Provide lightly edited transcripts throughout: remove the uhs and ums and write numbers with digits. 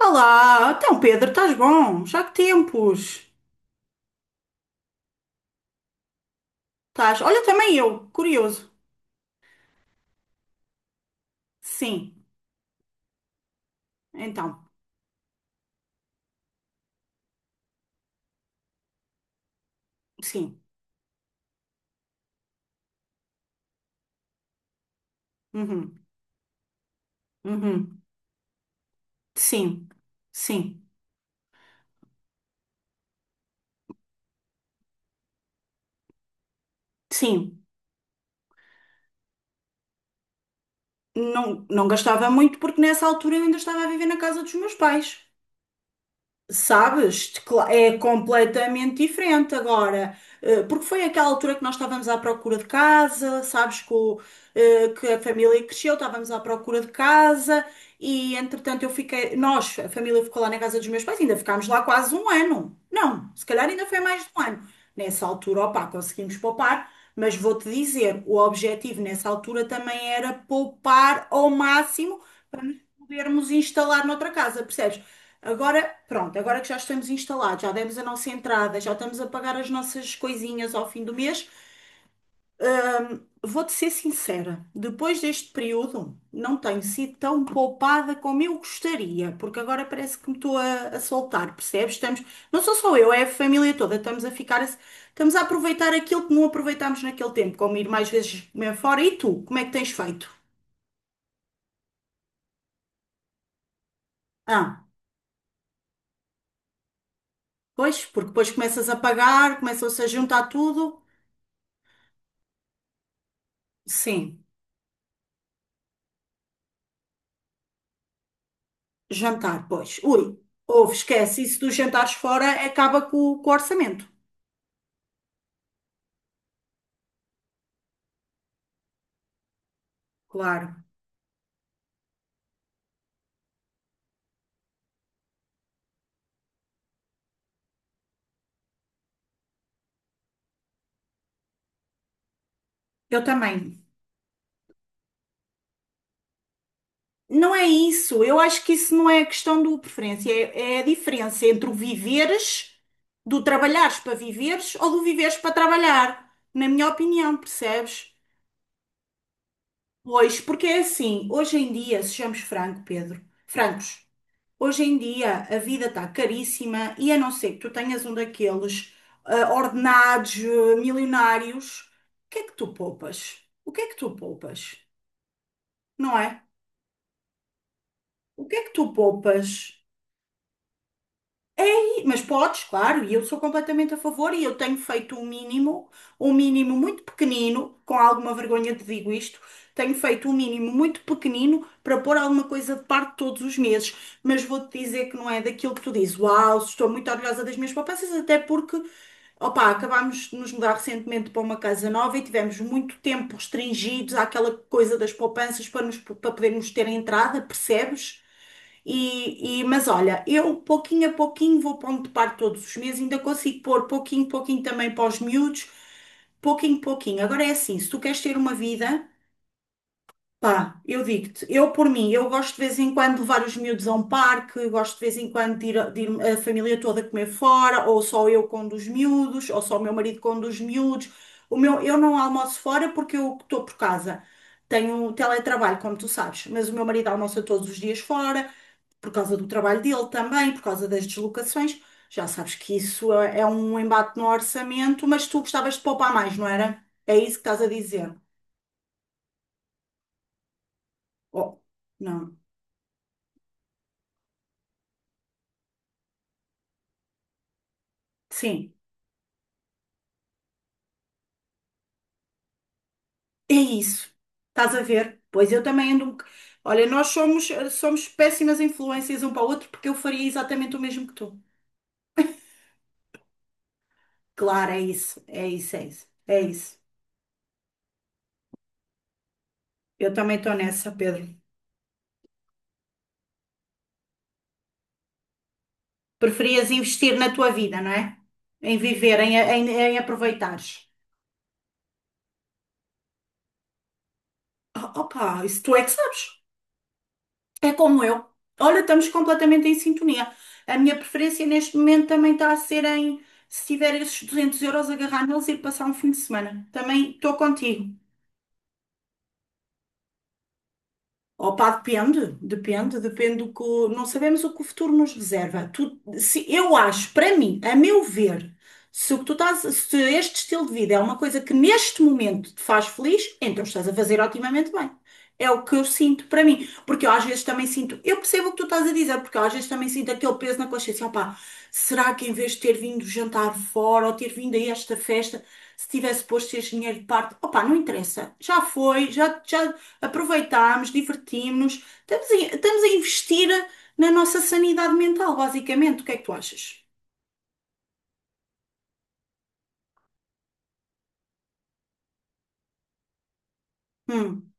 Olá, então Pedro, estás bom? Já que tempos? Estás? Olha, também eu, curioso. Sim, então, sim, uhum, uhum, sim, sim, sim. Não, não gastava muito porque nessa altura eu ainda estava a viver na casa dos meus pais. Sabes? É completamente diferente agora, porque foi aquela altura que nós estávamos à procura de casa, sabes, com, que a família cresceu, estávamos à procura de casa e entretanto eu fiquei, nós, a família ficou lá na casa dos meus pais, ainda ficámos lá quase um ano. Não, se calhar ainda foi mais de um ano. Nessa altura, opá, conseguimos poupar, mas vou-te dizer, o objetivo nessa altura também era poupar ao máximo para nos podermos instalar noutra casa, percebes? Agora, pronto, agora que já estamos instalados, já demos a nossa entrada, já estamos a pagar as nossas coisinhas ao fim do mês, vou-te ser sincera, depois deste período não tenho sido tão poupada como eu gostaria, porque agora parece que me estou a soltar, percebes? Estamos, não sou só eu, é a família toda, estamos a ficar, estamos a aproveitar aquilo que não aproveitámos naquele tempo, como ir mais vezes comer fora. E tu, como é que tens feito? Ah, pois, porque depois começas a pagar, começam-se a juntar tudo. Sim. Jantar, pois. Ui, ouve, esquece. Isso dos jantares fora acaba com o orçamento. Claro. Eu também. Não é isso. Eu acho que isso não é a questão do preferência. É, é a diferença entre o viveres, do trabalhares para viveres ou do viveres para trabalhar. Na minha opinião, percebes? Pois, porque é assim. Hoje em dia, sejamos franco, Pedro, francos. Hoje em dia a vida está caríssima e a não ser que tu tenhas um daqueles ordenados milionários, o que é que tu poupas? O que é que tu poupas? Não é? O que é que tu poupas? Sim, mas podes, claro, e eu sou completamente a favor e eu tenho feito um mínimo muito pequenino, com alguma vergonha te digo isto, tenho feito um mínimo muito pequenino para pôr alguma coisa de parte todos os meses, mas vou-te dizer que não é daquilo que tu dizes, uau, estou muito orgulhosa das minhas poupanças, até porque, opá, acabámos de nos mudar recentemente para uma casa nova e tivemos muito tempo restringidos àquela coisa das poupanças para, nos, para podermos ter entrada, percebes? E, mas olha, eu pouquinho a pouquinho vou pondo de parte todos os meses, ainda consigo pôr pouquinho, pouquinho também para os miúdos, pouquinho, pouquinho. Agora é assim, se tu queres ter uma vida, pá, eu digo-te, eu por mim, eu gosto de vez em quando de levar os miúdos a um parque, eu gosto de vez em quando de ir a família toda comer fora, ou só eu com um dos miúdos, ou só o meu marido com um dos miúdos. O meu, eu não almoço fora porque eu estou por casa. Tenho um teletrabalho, como tu sabes, mas o meu marido almoça todos os dias fora por causa do trabalho dele também, por causa das deslocações. Já sabes que isso é é um embate no orçamento, mas tu gostavas de poupar mais, não era? É isso que estás a dizer. Oh, não. Sim, é isso. Estás a ver? Pois eu também ando. Olha, nós somos, somos péssimas influências um para o outro porque eu faria exatamente o mesmo que tu. Claro, é isso, é isso, é isso, é isso. Eu também estou nessa, Pedro. Preferias investir na tua vida, não é? Em viver, em aproveitares. Oh, Opa, isso tu é que sabes. É como eu. Olha, estamos completamente em sintonia. A minha preferência neste momento também está a ser em, se tiver esses 200 euros, agarrar neles e ir passar um fim de semana. Também estou contigo. Opa, depende, depende, depende do que. Não sabemos o que o futuro nos reserva. Se, eu acho, para mim, a meu ver, se o que tu estás, se este estilo de vida é uma coisa que neste momento te faz feliz, então estás a fazer otimamente bem. É o que eu sinto para mim. Porque eu às vezes também sinto. Eu percebo o que tu estás a dizer, porque eu às vezes também sinto aquele peso na consciência. Opa, será que em vez de ter vindo jantar fora ou ter vindo a esta festa, se tivesse posto este dinheiro de parte? Opa, não interessa. Já foi, já, já, aproveitarmos, divertirmos, estamos a, estamos a investir na nossa sanidade mental, basicamente. O que é que tu achas? Hum,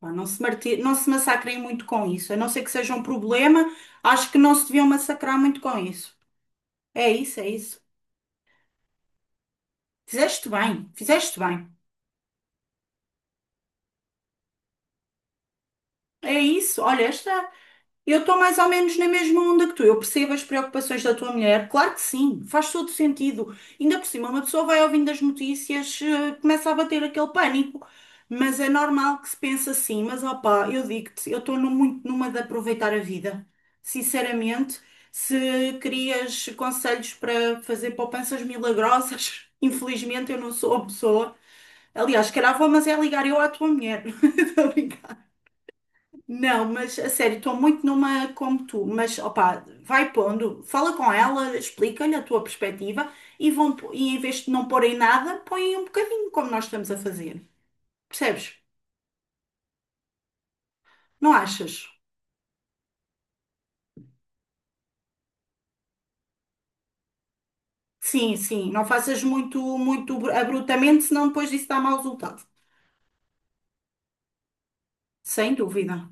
pá, não se massacrem muito com isso, a não ser que seja um problema, acho que não se deviam massacrar muito com isso. É isso, é isso. Fizeste bem, fizeste bem. É isso, olha, esta. Eu estou mais ou menos na mesma onda que tu. Eu percebo as preocupações da tua mulher. Claro que sim, faz todo sentido. Ainda por cima, uma pessoa vai ouvindo as notícias, começa a bater aquele pânico. Mas é normal que se pense assim. Mas opá, eu digo-te, eu estou muito numa de aproveitar a vida. Sinceramente, se querias conselhos para fazer poupanças milagrosas, infelizmente eu não sou a pessoa. Aliás, se calhar vou, mas é ligar eu à tua mulher. Estou a brincar. Não, mas a sério, estou muito numa como tu, mas opá, vai pondo, fala com ela, explica-lhe a tua perspectiva e, vão, e em vez de não porem nada, põem um bocadinho como nós estamos a fazer. Percebes? Não achas? Sim, sim, não faças muito, muito abruptamente, senão depois disso dá mau resultado. Sem dúvida.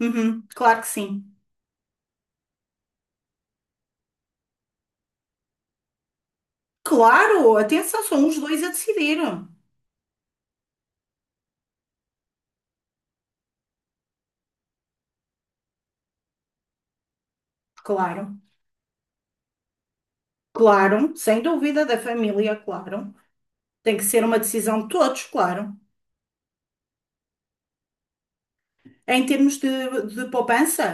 Uhum, claro que sim. Claro, atenção, são os dois a decidir. Claro, claro, sem dúvida, da família, claro. Tem que ser uma decisão de todos, claro. É em termos de poupança,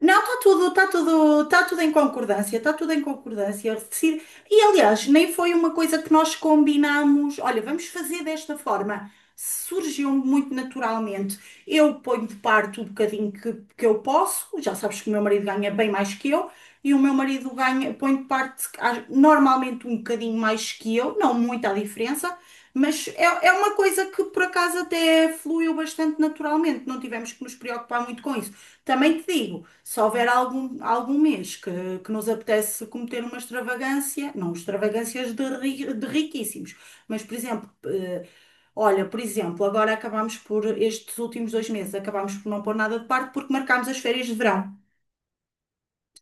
não, está tudo, está tudo, está tudo em concordância, está tudo em concordância. E aliás, nem foi uma coisa que nós combinámos. Olha, vamos fazer desta forma. Surgiu muito naturalmente. Eu ponho de parte o bocadinho que eu posso. Já sabes que o meu marido ganha bem mais que eu, e o meu marido ganha, põe de parte normalmente um bocadinho mais que eu, não muita diferença, mas é, é uma coisa que por acaso até fluiu bastante naturalmente. Não tivemos que nos preocupar muito com isso. Também te digo, se houver algum, algum mês que nos apetece cometer uma extravagância, não extravagâncias de, de riquíssimos, mas, por exemplo, olha, por exemplo, agora acabámos por, estes últimos dois meses, acabámos por não pôr nada de parte porque marcámos as férias de verão.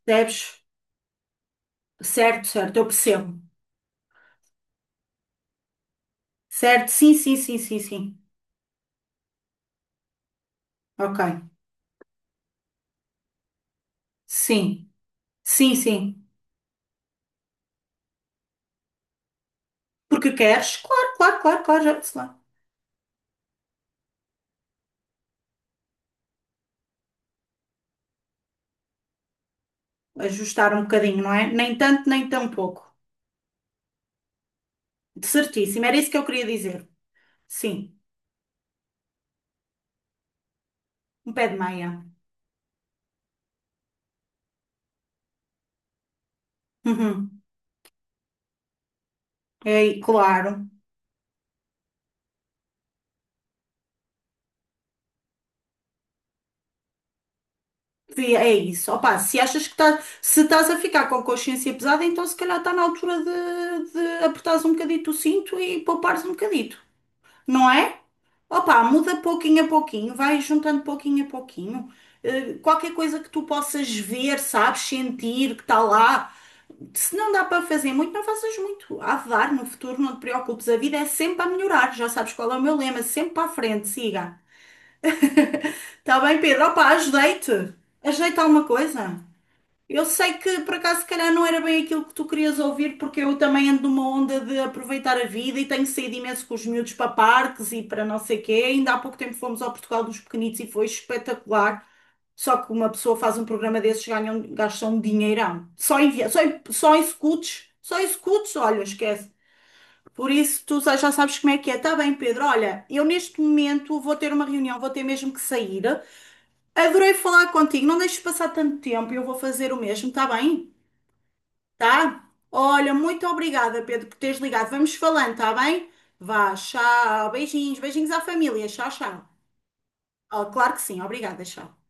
Percebes? Certo, certo, eu percebo. Certo, sim, sim, sim, sim, sim. Ok. Sim, sim, sim. Porque queres? Claro, claro, claro, claro, já, sei lá, ajustar um bocadinho, não é? Nem tanto, nem tão pouco. Certíssimo, era isso que eu queria dizer. Sim, um pé de meia. Uhum. É, claro, sim, é isso. Opa, se achas que tá, se estás a ficar com a consciência pesada, então se calhar está na altura de apertares um bocadito o cinto e poupares um bocadito, não é? Opa, muda pouquinho a pouquinho, vai juntando pouquinho a pouquinho. Qualquer coisa que tu possas ver, sabes, sentir que está lá. Se não dá para fazer muito, não faças muito. Há de dar no futuro, não te preocupes. A vida é sempre a melhorar. Já sabes qual é o meu lema, sempre para a frente, siga. Está bem, Pedro? Opa, ajudei-te. Ajeita alguma coisa. Eu sei que por acaso se calhar não era bem aquilo que tu querias ouvir, porque eu também ando numa onda de aproveitar a vida e tenho saído imenso com os miúdos para parques e para não sei quê. Ainda há pouco tempo fomos ao Portugal dos Pequenitos e foi espetacular. Só que uma pessoa faz um programa desses, ganham, gastam um dinheirão. Só em scouts, olha, esquece. Por isso, tu já já sabes como é que é. Tá bem, Pedro, olha, eu neste momento vou ter uma reunião, vou ter mesmo que sair. Adorei falar contigo, não deixes passar tanto tempo, eu vou fazer o mesmo, tá bem? Tá? Olha, muito obrigada, Pedro, por teres ligado. Vamos falando, tá bem? Vá, tchau, beijinhos, beijinhos à família, tchau, tchau. Ah, claro que sim, obrigada, tchau.